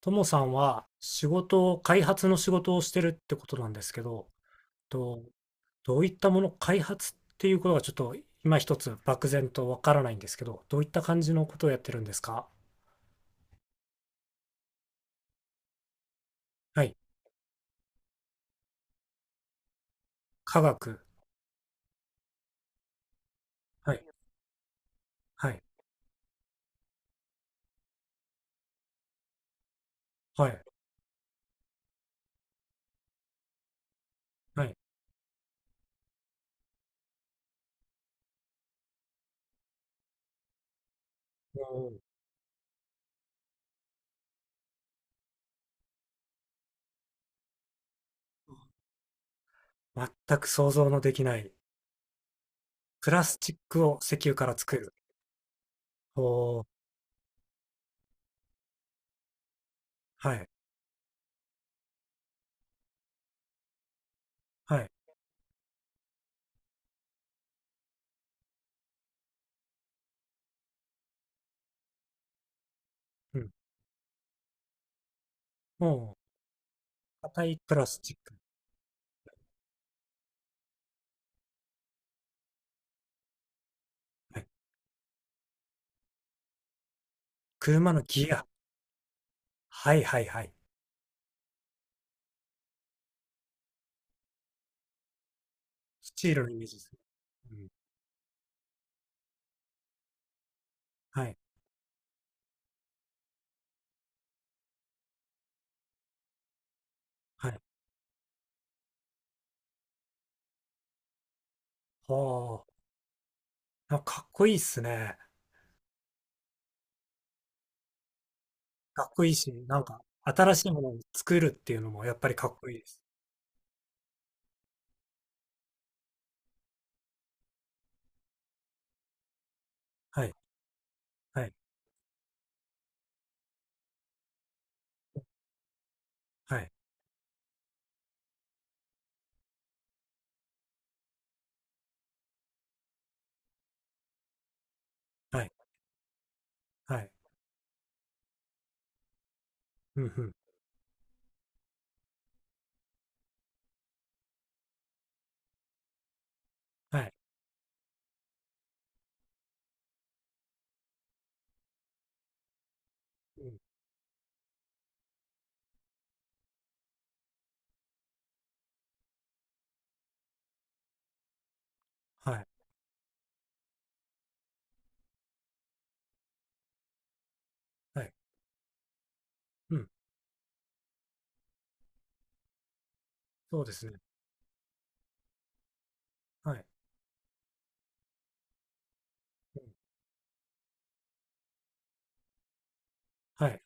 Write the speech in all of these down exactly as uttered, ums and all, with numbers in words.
ともさんは仕事を、開発の仕事をしてるってことなんですけど、と、どういったもの、開発っていうことがちょっと今一つ漠然とわからないんですけど、どういった感じのことをやってるんですか？はい。科学。はい。はい。はい。はい。おー。全く想像のできない。プラスチックを石油から作る。おー。はい。はい。うん。もう、硬いプラスチック。はい。車のギア。はいはいはい。スチールのイメージですね。うん。はい。はい。はあ、なんかかっこいいっすね。かっこいいし、なんか新しいものを作るっていうのもやっぱりかっこいいです。はい、はい、はい、はい、はい、うん、うん、はい、うん、はい、はい、うん、そうですね。はい、うん、はい、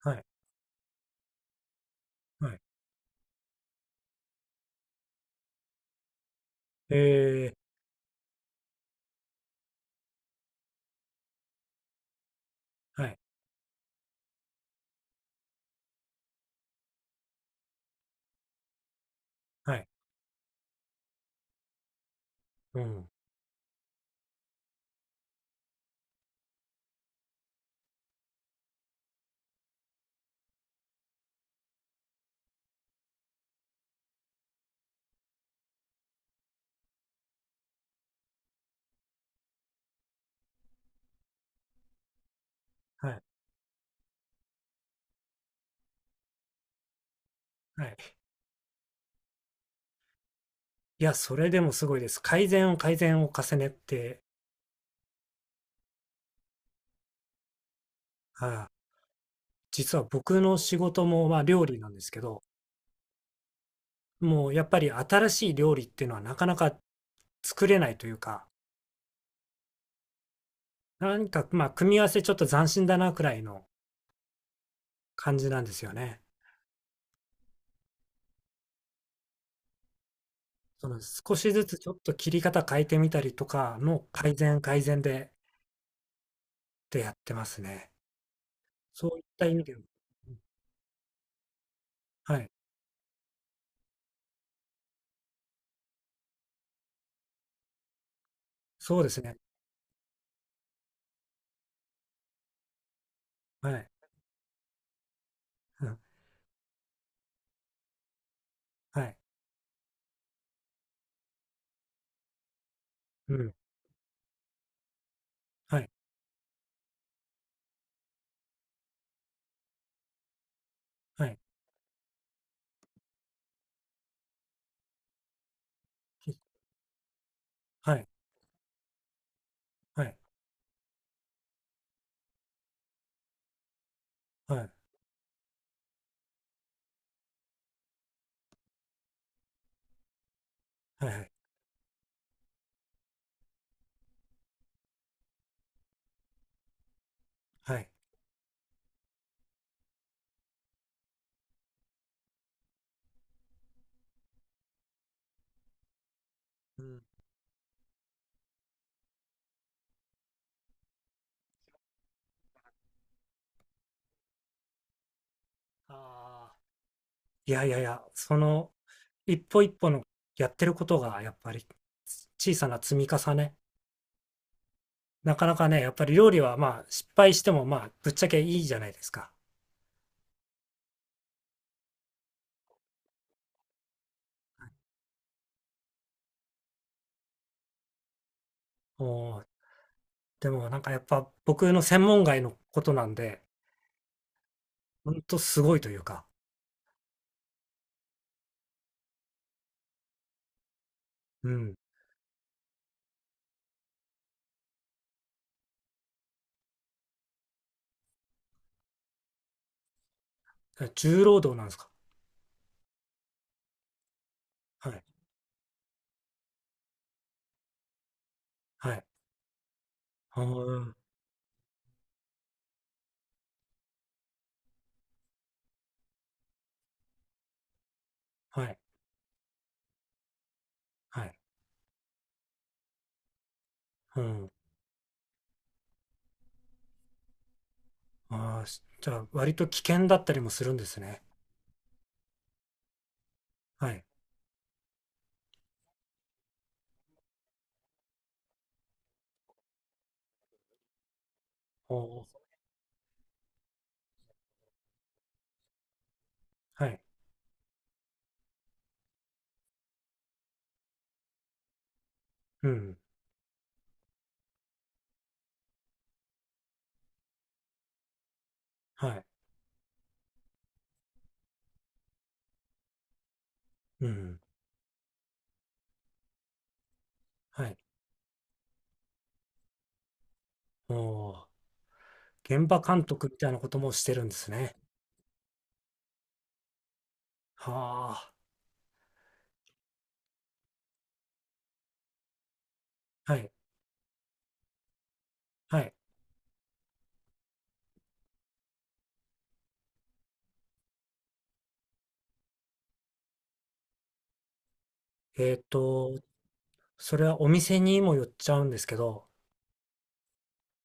はい、はい、えー、はい、はい、うん、はい、はい。いや、それでもすごいです。改善を改善を重ねて、ああ、実は僕の仕事もまあ料理なんですけど、もうやっぱり新しい料理っていうのはなかなか作れないというか、なんか、まあ、組み合わせちょっと斬新だなくらいの感じなんですよね。その少しずつちょっと切り方変えてみたりとかの改善改善で、でやってますね。そういった意味で、うん、はい、そうですね。はい、うん、はい、うん、はい、はい、きはい、はい、はい、はいはい、はい。うん、ああ、いやいやいや、その、一歩一歩のやってることがやっぱり、小さな積み重ね。なかなかね、やっぱり料理はまあ失敗してもまあぶっちゃけいいじゃないですか。おー。でもなんかやっぱ僕の専門外のことなんで、ほんとすごいというか、うん。重労働なんですか？はい。はい。あー。はい。はい。うん。ああ、しじゃあ割と危険だったりもするんですね。はい。おー。はい。うん。はい。うん。はい。おー。現場監督みたいなこともしてるんですね。はあ。はい。はい。えっと、それはお店にもよっちゃうんですけど、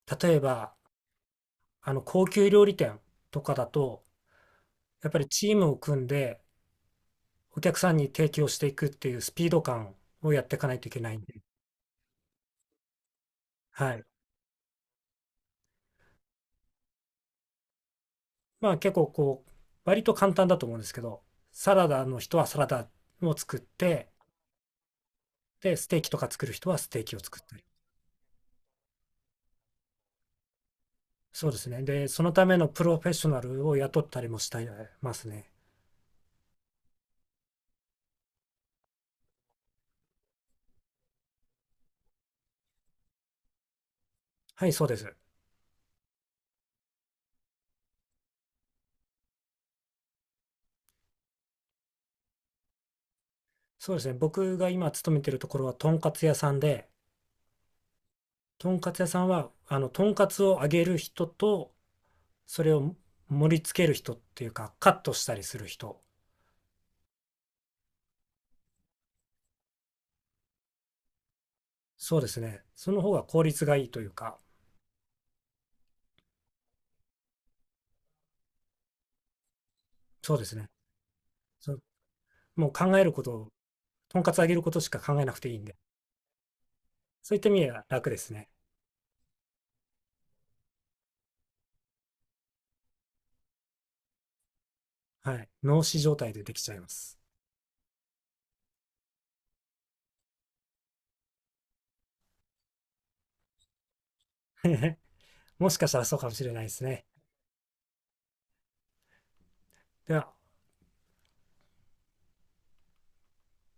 例えば、あの、高級料理店とかだと、やっぱりチームを組んで、お客さんに提供していくっていうスピード感をやっていかないといけないんで、はい。まあ結構こう、割と簡単だと思うんですけど、サラダの人はサラダを作って、で、ステーキとか作る人はステーキを作ったり。そうですね。で、そのためのプロフェッショナルを雇ったりもしてますね。はい、そうです。そうですね。僕が今勤めてるところは、とんかつ屋さんで、とんかつ屋さんは、あの、とんかつを揚げる人と、それを盛り付ける人っていうか、カットしたりする人。そうですね。その方が効率がいいというか、そうですね。そもう考えることを、とんかつ揚げることしか考えなくていいんで、そういった意味では楽ですね。はい。脳死状態でできちゃいます。もしかしたらそうかもしれないですね。では。